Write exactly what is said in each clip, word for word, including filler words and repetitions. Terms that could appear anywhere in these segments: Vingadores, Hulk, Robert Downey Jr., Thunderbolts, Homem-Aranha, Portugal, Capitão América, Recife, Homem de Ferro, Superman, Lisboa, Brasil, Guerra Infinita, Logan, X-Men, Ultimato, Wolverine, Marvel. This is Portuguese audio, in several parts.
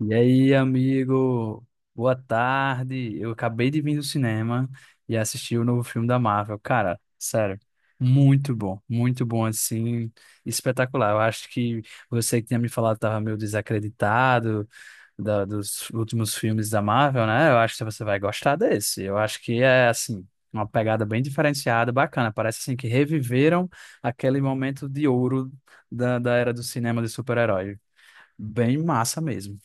E aí, amigo? Boa tarde. Eu acabei de vir do cinema e assisti o novo filme da Marvel. Cara, sério, muito bom, muito bom assim, espetacular. Eu acho que você que tinha me falado estava meio desacreditado da- dos últimos filmes da Marvel, né? Eu acho que você vai gostar desse. Eu acho que é assim, uma pegada bem diferenciada, bacana. Parece assim que reviveram aquele momento de ouro da, da era do cinema de super-herói. Bem massa mesmo.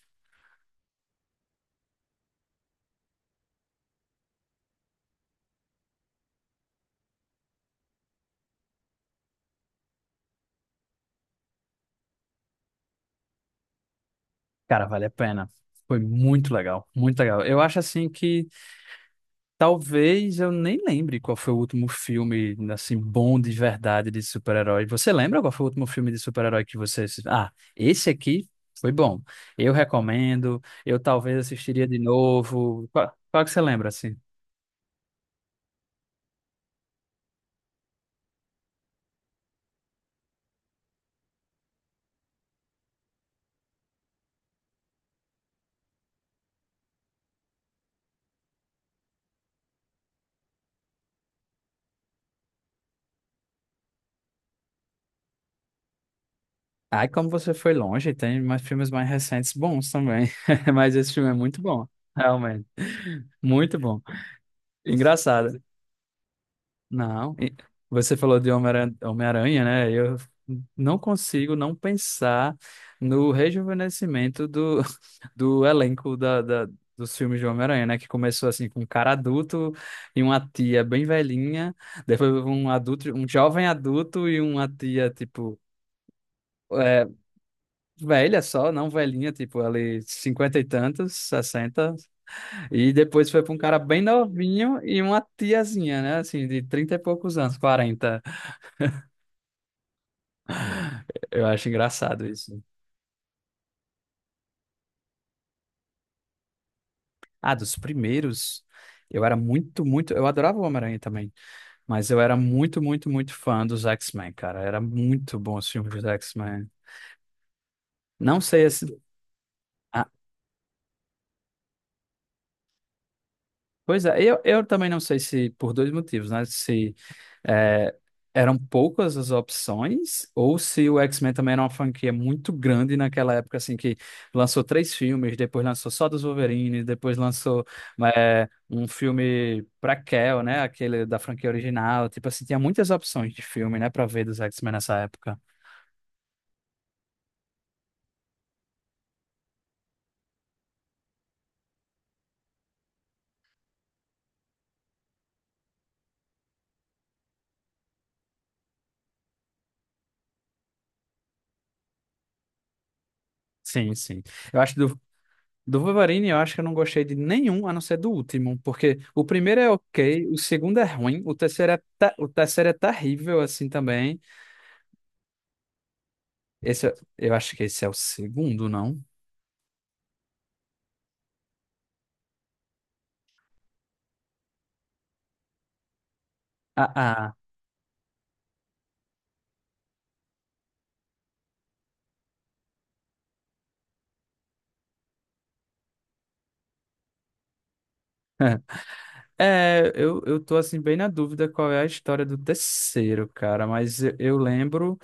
Cara, vale a pena. Foi muito legal, muito legal. Eu acho assim que talvez eu nem lembre qual foi o último filme assim bom de verdade de super-herói. Você lembra qual foi o último filme de super-herói que você assis- Ah, esse aqui foi bom. Eu recomendo. Eu talvez assistiria de novo. Qual, qual que você lembra assim? Ai, como você foi longe, tem mais filmes mais recentes bons também. Mas esse filme é muito bom, realmente. Muito bom. Engraçado. Não. E você falou de Homem-Aranha, Homem-Aranha, né? Eu não consigo não pensar no rejuvenescimento do, do elenco da, da- dos filmes de Homem-Aranha, né? Que começou assim com um cara adulto e uma tia bem velhinha, depois um adulto, um jovem adulto e uma tia, tipo, é, velha só, não velhinha, tipo, ali cinquenta e tantos, sessenta, e depois foi para um cara bem novinho e uma tiazinha, né? Assim, de trinta e poucos anos, quarenta. Eu acho engraçado isso. Ah, dos primeiros, eu era muito, muito. Eu adorava o Homem-Aranha também, mas eu era muito, muito, muito fã dos X-Men, cara. Era muito bom os filmes dos X-Men. Não sei esse. Pois é, eu, eu também não sei se por dois motivos, né? Se é, eram poucas as opções, ou se o X-Men também era uma franquia muito grande naquela época, assim, que lançou três filmes, depois lançou só dos Wolverine, depois lançou é, um filme pra Kell, né? Aquele da franquia original. Tipo assim, tinha muitas opções de filme, né, pra ver dos X-Men nessa época. Sim, sim. Eu acho que do Do Wolverine, eu acho que eu não gostei de nenhum, a não ser do último, porque o primeiro é ok, o segundo é ruim, o terceiro é, te- o terceiro é terrível, assim, também. Esse, é- eu acho que esse é o segundo, não? Ah, ah. É, eu, eu tô, assim, bem na dúvida qual é a história do terceiro, cara, mas eu, eu lembro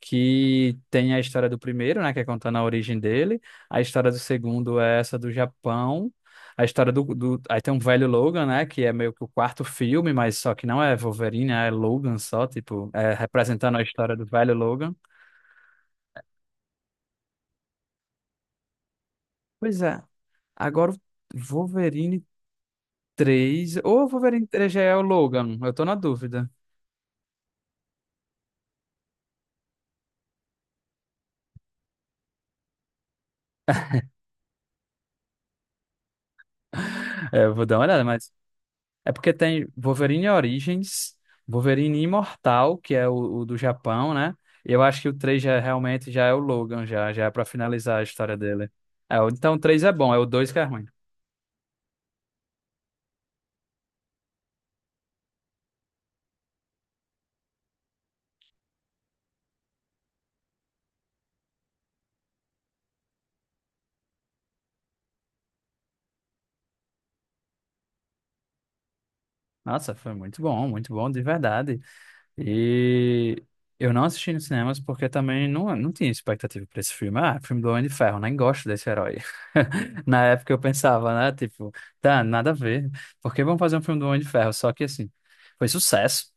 que tem a história do primeiro, né, que é contando a origem dele, a história do segundo é essa do Japão, a história do, do... Aí tem um velho Logan, né, que é meio que o quarto filme, mas só que não é Wolverine, é Logan só, tipo, é representando a história do velho Logan. Pois é, agora o Wolverine três ou o Wolverine três já é o Logan, eu tô na dúvida. É, eu vou dar uma olhada, mas é porque tem Wolverine Origins, Wolverine Imortal, que é o, o do Japão, né? E eu acho que o três já, é, realmente já é o Logan, já, já é pra finalizar a história dele. É, o- então o três é bom, é o dois que é ruim. Nossa, foi muito bom, muito bom, de verdade. E eu não assisti nos cinemas porque também não, não tinha expectativa pra esse filme. Ah, filme do Homem de Ferro, nem gosto desse herói. Na época eu pensava, né? Tipo, tá, nada a ver. Por que vão fazer um filme do Homem de Ferro? Só que assim, foi sucesso.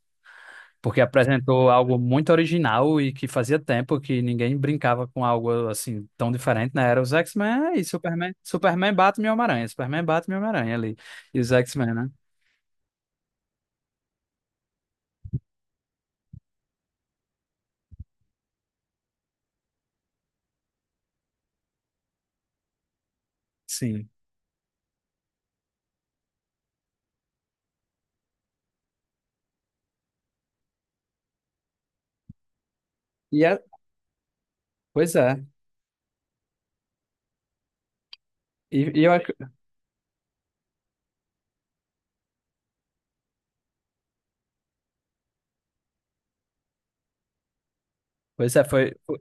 Porque apresentou algo muito original e que fazia tempo que ninguém brincava com algo assim tão diferente, né? Era os X-Men e Superman. Superman bate meu Homem-Aranha. Superman bate meu Homem-Aranha ali. E os X-Men, né? Sim. E é, pois é. E, e eu, ac- Pois é, foi, foi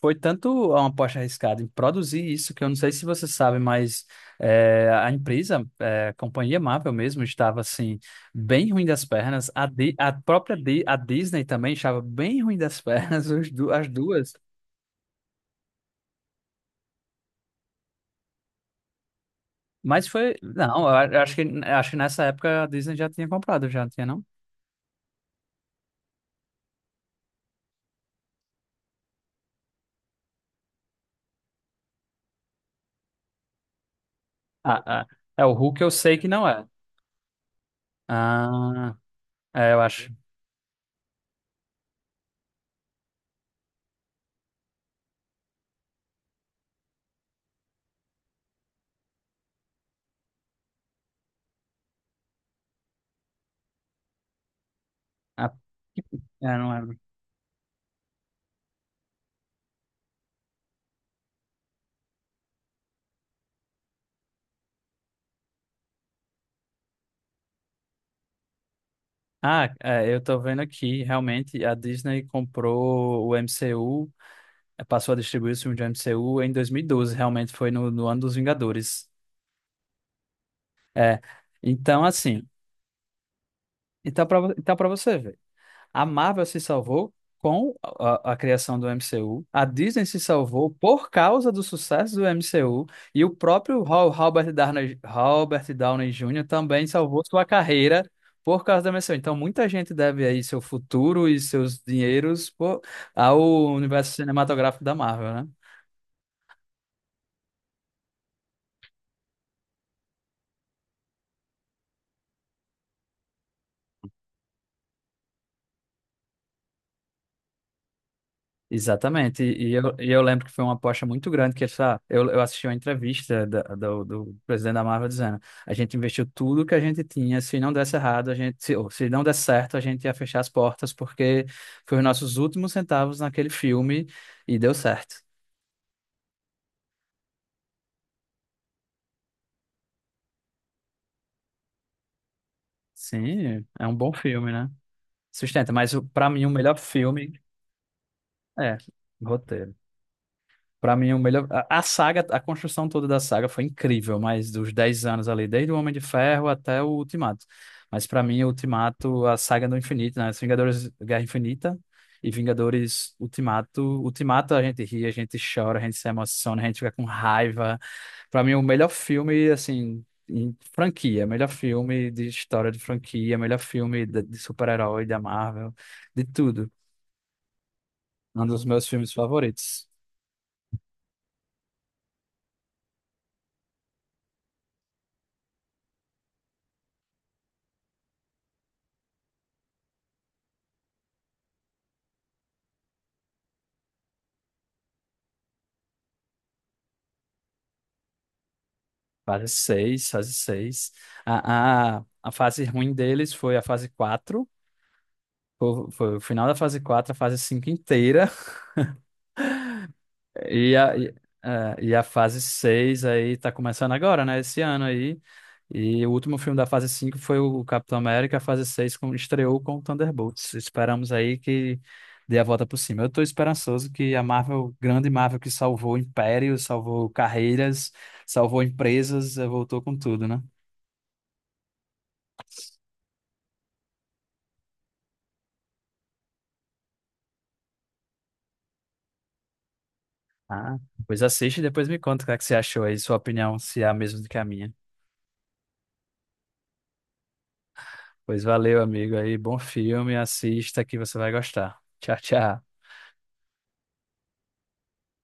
foi tanto uma aposta arriscada em produzir isso que eu não sei se você sabe, mas é, a empresa, é, a companhia Marvel mesmo, estava assim, bem ruim das pernas. A, Di- a própria Di- a Disney também estava bem ruim das pernas, os du- as duas. Mas foi. Não, eu a- acho que, acho que nessa época a Disney já tinha comprado, já tinha, não? Ah, ah, é, o Hulk eu sei que não é. Ah, é, eu acho. Ah, é, não é. Ah, é, eu tô vendo aqui, realmente, a Disney comprou o M C U, eh, passou a distribuir os filmes de M C U em dois mil e doze. Realmente foi no, no ano dos Vingadores. É, então assim, então pra, vo- então para você ver. A Marvel se salvou com a, a- criação do M C U. A Disney se salvou por causa do sucesso do M C U. E o próprio Ro- Robert Downey, Robert Downey Júnior também salvou sua carreira por causa da M C U. Então, muita gente deve aí seu futuro e seus dinheiros por- ao universo cinematográfico da Marvel, né? Exatamente. E, e eu, e eu lembro que foi uma aposta muito grande que essa, eu, eu assisti uma entrevista da- do, do presidente da Marvel dizendo, a gente investiu tudo que a gente tinha, se não desse errado, a gente, se, ou se não desse certo, a gente ia fechar as portas porque foi os nossos últimos centavos naquele filme e deu certo. Sim, é um bom filme, né? Sustenta, mas para mim o melhor filme é roteiro. Pra mim, é o melhor. A a saga, a construção toda da saga foi incrível, mas dos dez anos ali, desde o Homem de Ferro até o Ultimato. Mas pra mim, o Ultimato, a saga do infinito, né? Os Vingadores Guerra Infinita e Vingadores Ultimato. Ultimato a gente ri, a gente chora, a gente se emociona, a gente fica com raiva. Pra mim, o melhor filme, assim, em franquia, melhor filme de história de franquia, melhor filme de, de super-herói da Marvel, de tudo. Um dos meus filmes favoritos. Fase seis, fase seis, A, a, a fase ruim deles foi a fase quatro, Foi, foi o final da fase quatro, a fase cinco inteira. E a, e, é, e a fase seis aí tá começando agora, né? Esse ano aí. E o último filme da fase cinco foi o Capitão América, a fase seis com, estreou com o Thunderbolts. Esperamos aí que dê a volta por cima. Eu tô esperançoso que a Marvel, grande Marvel que salvou impérios, salvou carreiras, salvou empresas, eh, voltou com tudo, né? Ah, pois assiste e depois me conta o que é que você achou aí, sua opinião, se é a mesma do que a minha. Pois valeu, amigo aí, bom filme, assista que você vai gostar. Tchau, tchau.